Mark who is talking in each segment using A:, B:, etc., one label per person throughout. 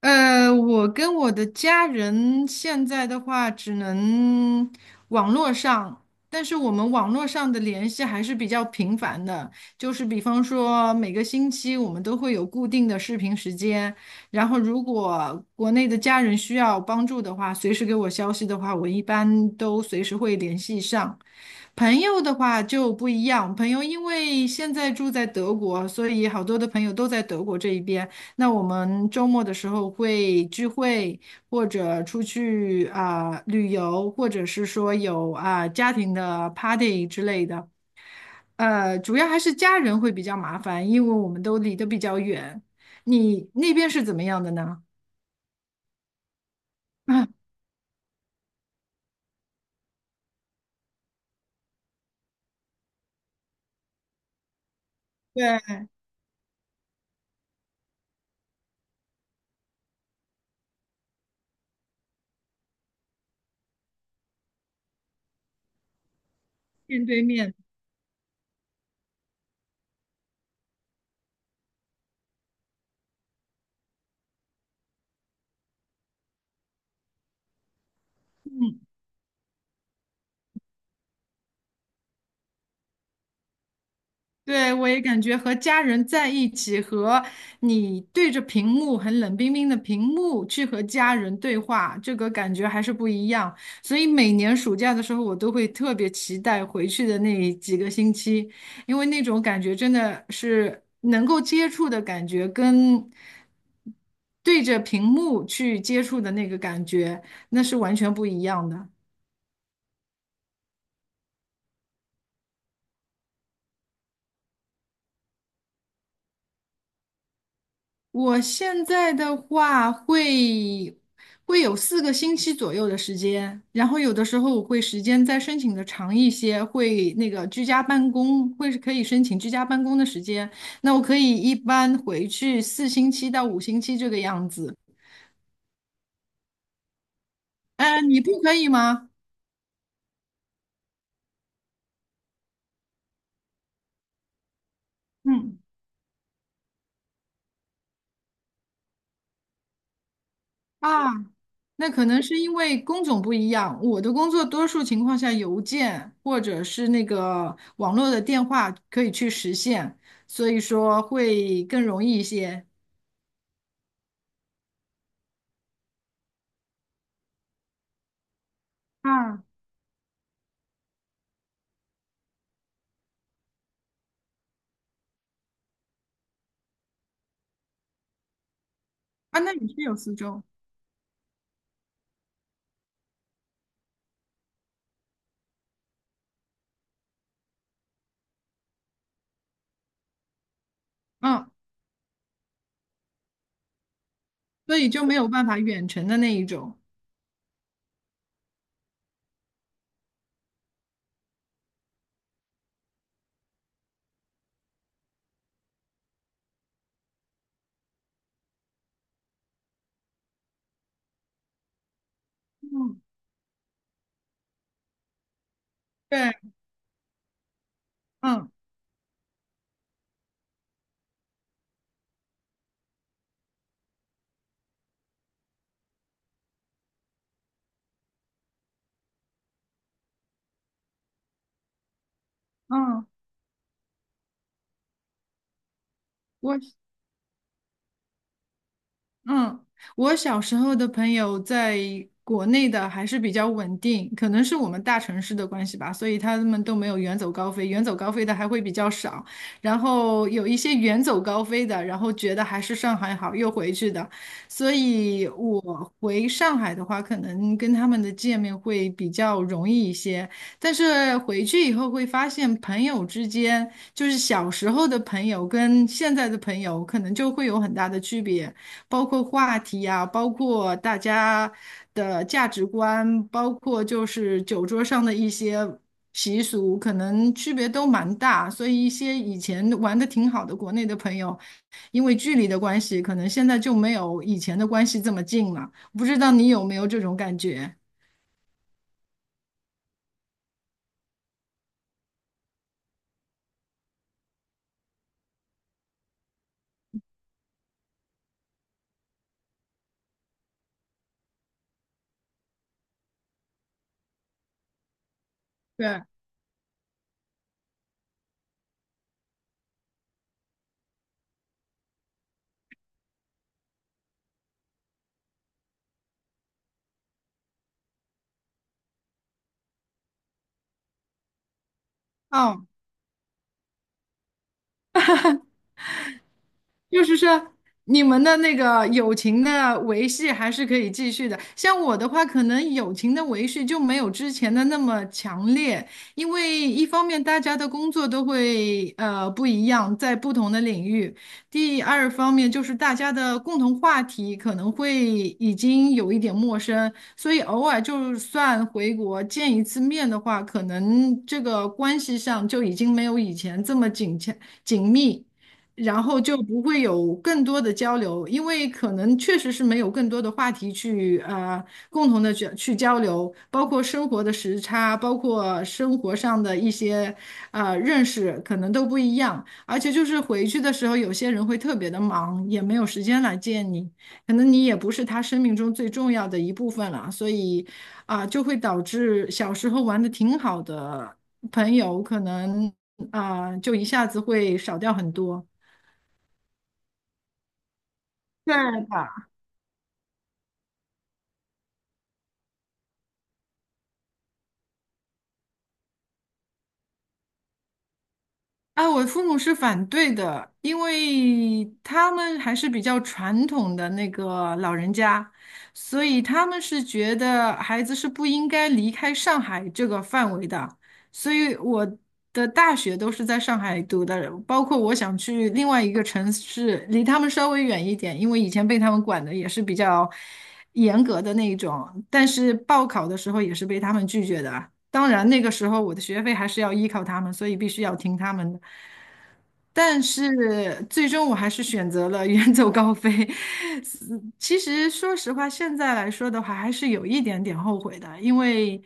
A: 我跟我的家人现在的话，只能网络上，但是我们网络上的联系还是比较频繁的，就是比方说每个星期我们都会有固定的视频时间，然后如果国内的家人需要帮助的话，随时给我消息的话，我一般都随时会联系上。朋友的话就不一样，朋友因为现在住在德国，所以好多的朋友都在德国这一边。那我们周末的时候会聚会，或者出去啊、旅游，或者是说有啊、家庭的 party 之类的。主要还是家人会比较麻烦，因为我们都离得比较远。你那边是怎么样的呢？啊，对，面对面。对，我也感觉和家人在一起，和你对着屏幕很冷冰冰的屏幕去和家人对话，这个感觉还是不一样。所以每年暑假的时候，我都会特别期待回去的那几个星期，因为那种感觉真的是能够接触的感觉，跟对着屏幕去接触的那个感觉，那是完全不一样的。我现在的话会有四个星期左右的时间，然后有的时候我会时间再申请的长一些，会那个居家办公，会是可以申请居家办公的时间。那我可以一般回去四星期到五星期这个样子。嗯，你不可以吗？嗯。啊，那可能是因为工种不一样。我的工作多数情况下，邮件或者是那个网络的电话可以去实现，所以说会更容易一些。啊啊，那你是有四周，嗯，所以就没有办法远程的那一种。嗯，对，嗯嗯，我嗯,我小时候的朋友在国内的还是比较稳定，可能是我们大城市的关系吧，所以他们都没有远走高飞，远走高飞的还会比较少。然后有一些远走高飞的，然后觉得还是上海好，又回去的。所以我回上海的话，可能跟他们的见面会比较容易一些。但是回去以后会发现，朋友之间就是小时候的朋友跟现在的朋友，可能就会有很大的区别，包括话题啊，包括大家的价值观，包括就是酒桌上的一些习俗，可能区别都蛮大。所以一些以前玩的挺好的国内的朋友，因为距离的关系，可能现在就没有以前的关系这么近了。不知道你有没有这种感觉？对，嗯。就是说，你们的那个友情的维系还是可以继续的。像我的话，可能友情的维系就没有之前的那么强烈，因为一方面大家的工作都会不一样，在不同的领域；第二方面就是大家的共同话题可能会已经有一点陌生，所以偶尔就算回国见一次面的话，可能这个关系上就已经没有以前这么紧密。然后就不会有更多的交流，因为可能确实是没有更多的话题去共同的去交流，包括生活的时差，包括生活上的一些认识，可能都不一样。而且就是回去的时候，有些人会特别的忙，也没有时间来见你，可能你也不是他生命中最重要的一部分了，所以啊、就会导致小时候玩的挺好的朋友，可能啊、就一下子会少掉很多。对的，哎，我父母是反对的，因为他们还是比较传统的那个老人家，所以他们是觉得孩子是不应该离开上海这个范围的。所以我的大学都是在上海读的，包括我想去另外一个城市，离他们稍微远一点，因为以前被他们管的也是比较严格的那一种，但是报考的时候也是被他们拒绝的。当然那个时候我的学费还是要依靠他们，所以必须要听他们的。但是最终我还是选择了远走高飞。其实说实话，现在来说的话，还是有一点点后悔的，因为，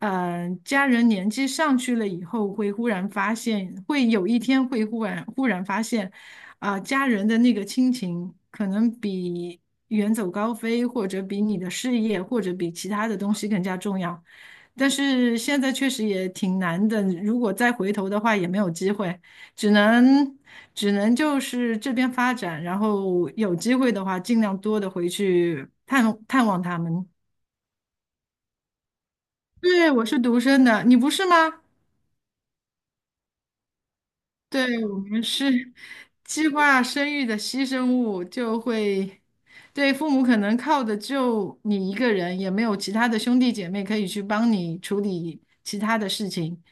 A: 家人年纪上去了以后，会忽然发现，会有一天会忽然发现，啊，家人的那个亲情，可能比远走高飞，或者比你的事业，或者比其他的东西更加重要。但是现在确实也挺难的，如果再回头的话，也没有机会，只能只能就是这边发展，然后有机会的话，尽量多的回去探探望他们。对，我是独生的，你不是吗？对，我们是计划生育的牺牲物，就会对父母可能靠的就你一个人，也没有其他的兄弟姐妹可以去帮你处理其他的事情。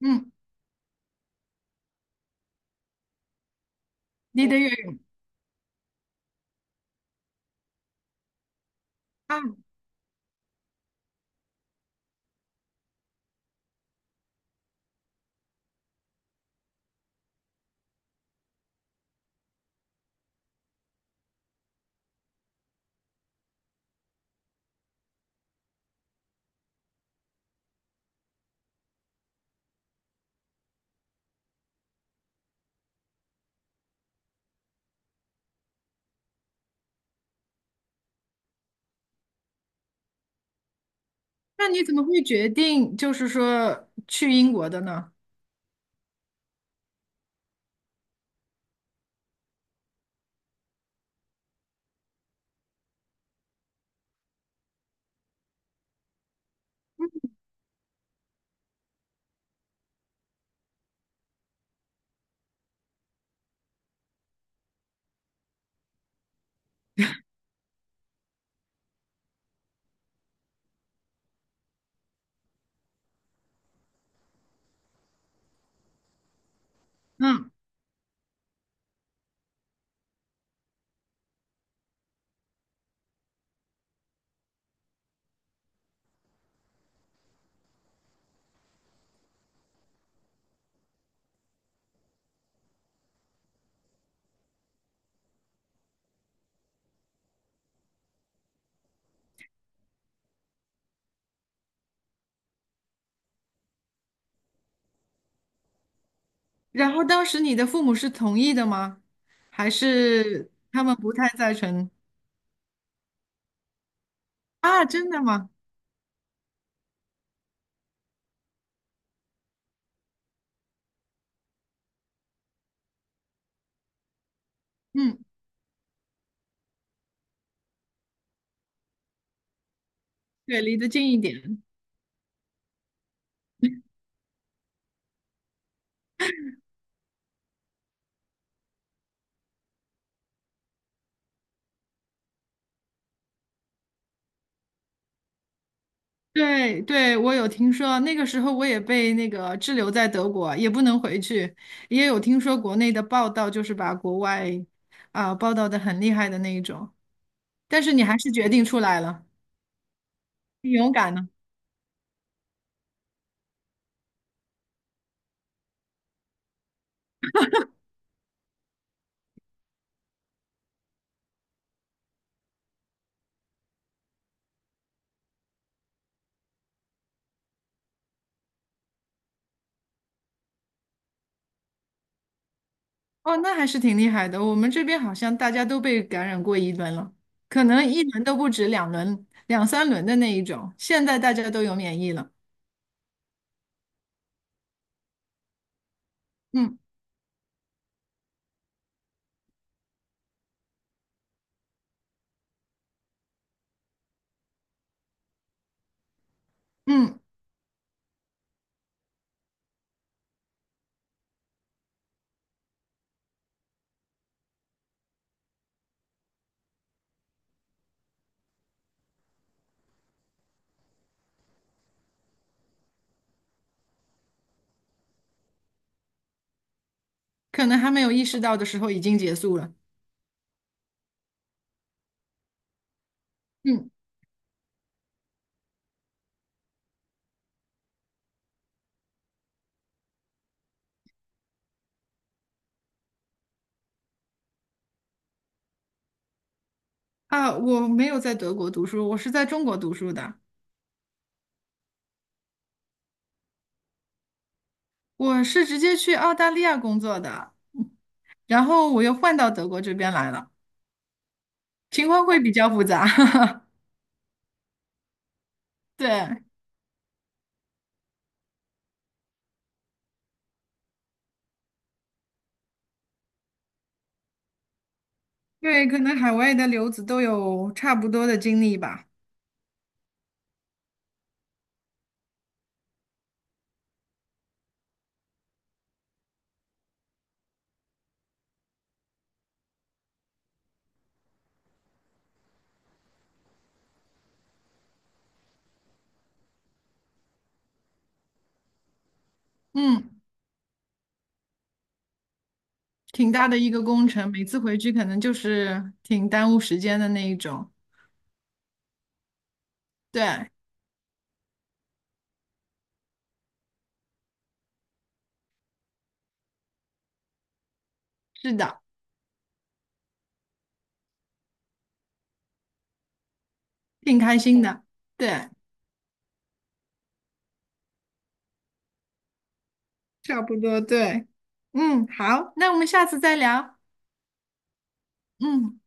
A: 嗯，离得越远啊，那你怎么会决定就是说去英国的呢？嗯，然后当时你的父母是同意的吗？还是他们不太赞成？啊，真的吗？嗯，对，离得近一点。对，我有听说，那个时候我也被那个滞留在德国，也不能回去，也有听说国内的报道，就是把国外啊、报道的很厉害的那一种，但是你还是决定出来了，挺勇敢呢？哦，那还是挺厉害的。我们这边好像大家都被感染过一轮了，可能一轮都不止两轮、两三轮的那一种，现在大家都有免疫了。嗯嗯，可能还没有意识到的时候已经结束了。嗯啊，我没有在德国读书，我是在中国读书的。我是直接去澳大利亚工作的，然后我又换到德国这边来了，情况会比较复杂。对，因为可能海外的留子都有差不多的经历吧。嗯，挺大的一个工程，每次回去可能就是挺耽误时间的那一种。对，是的，挺开心的。对，差不多，对。嗯，好，那我们下次再聊。嗯。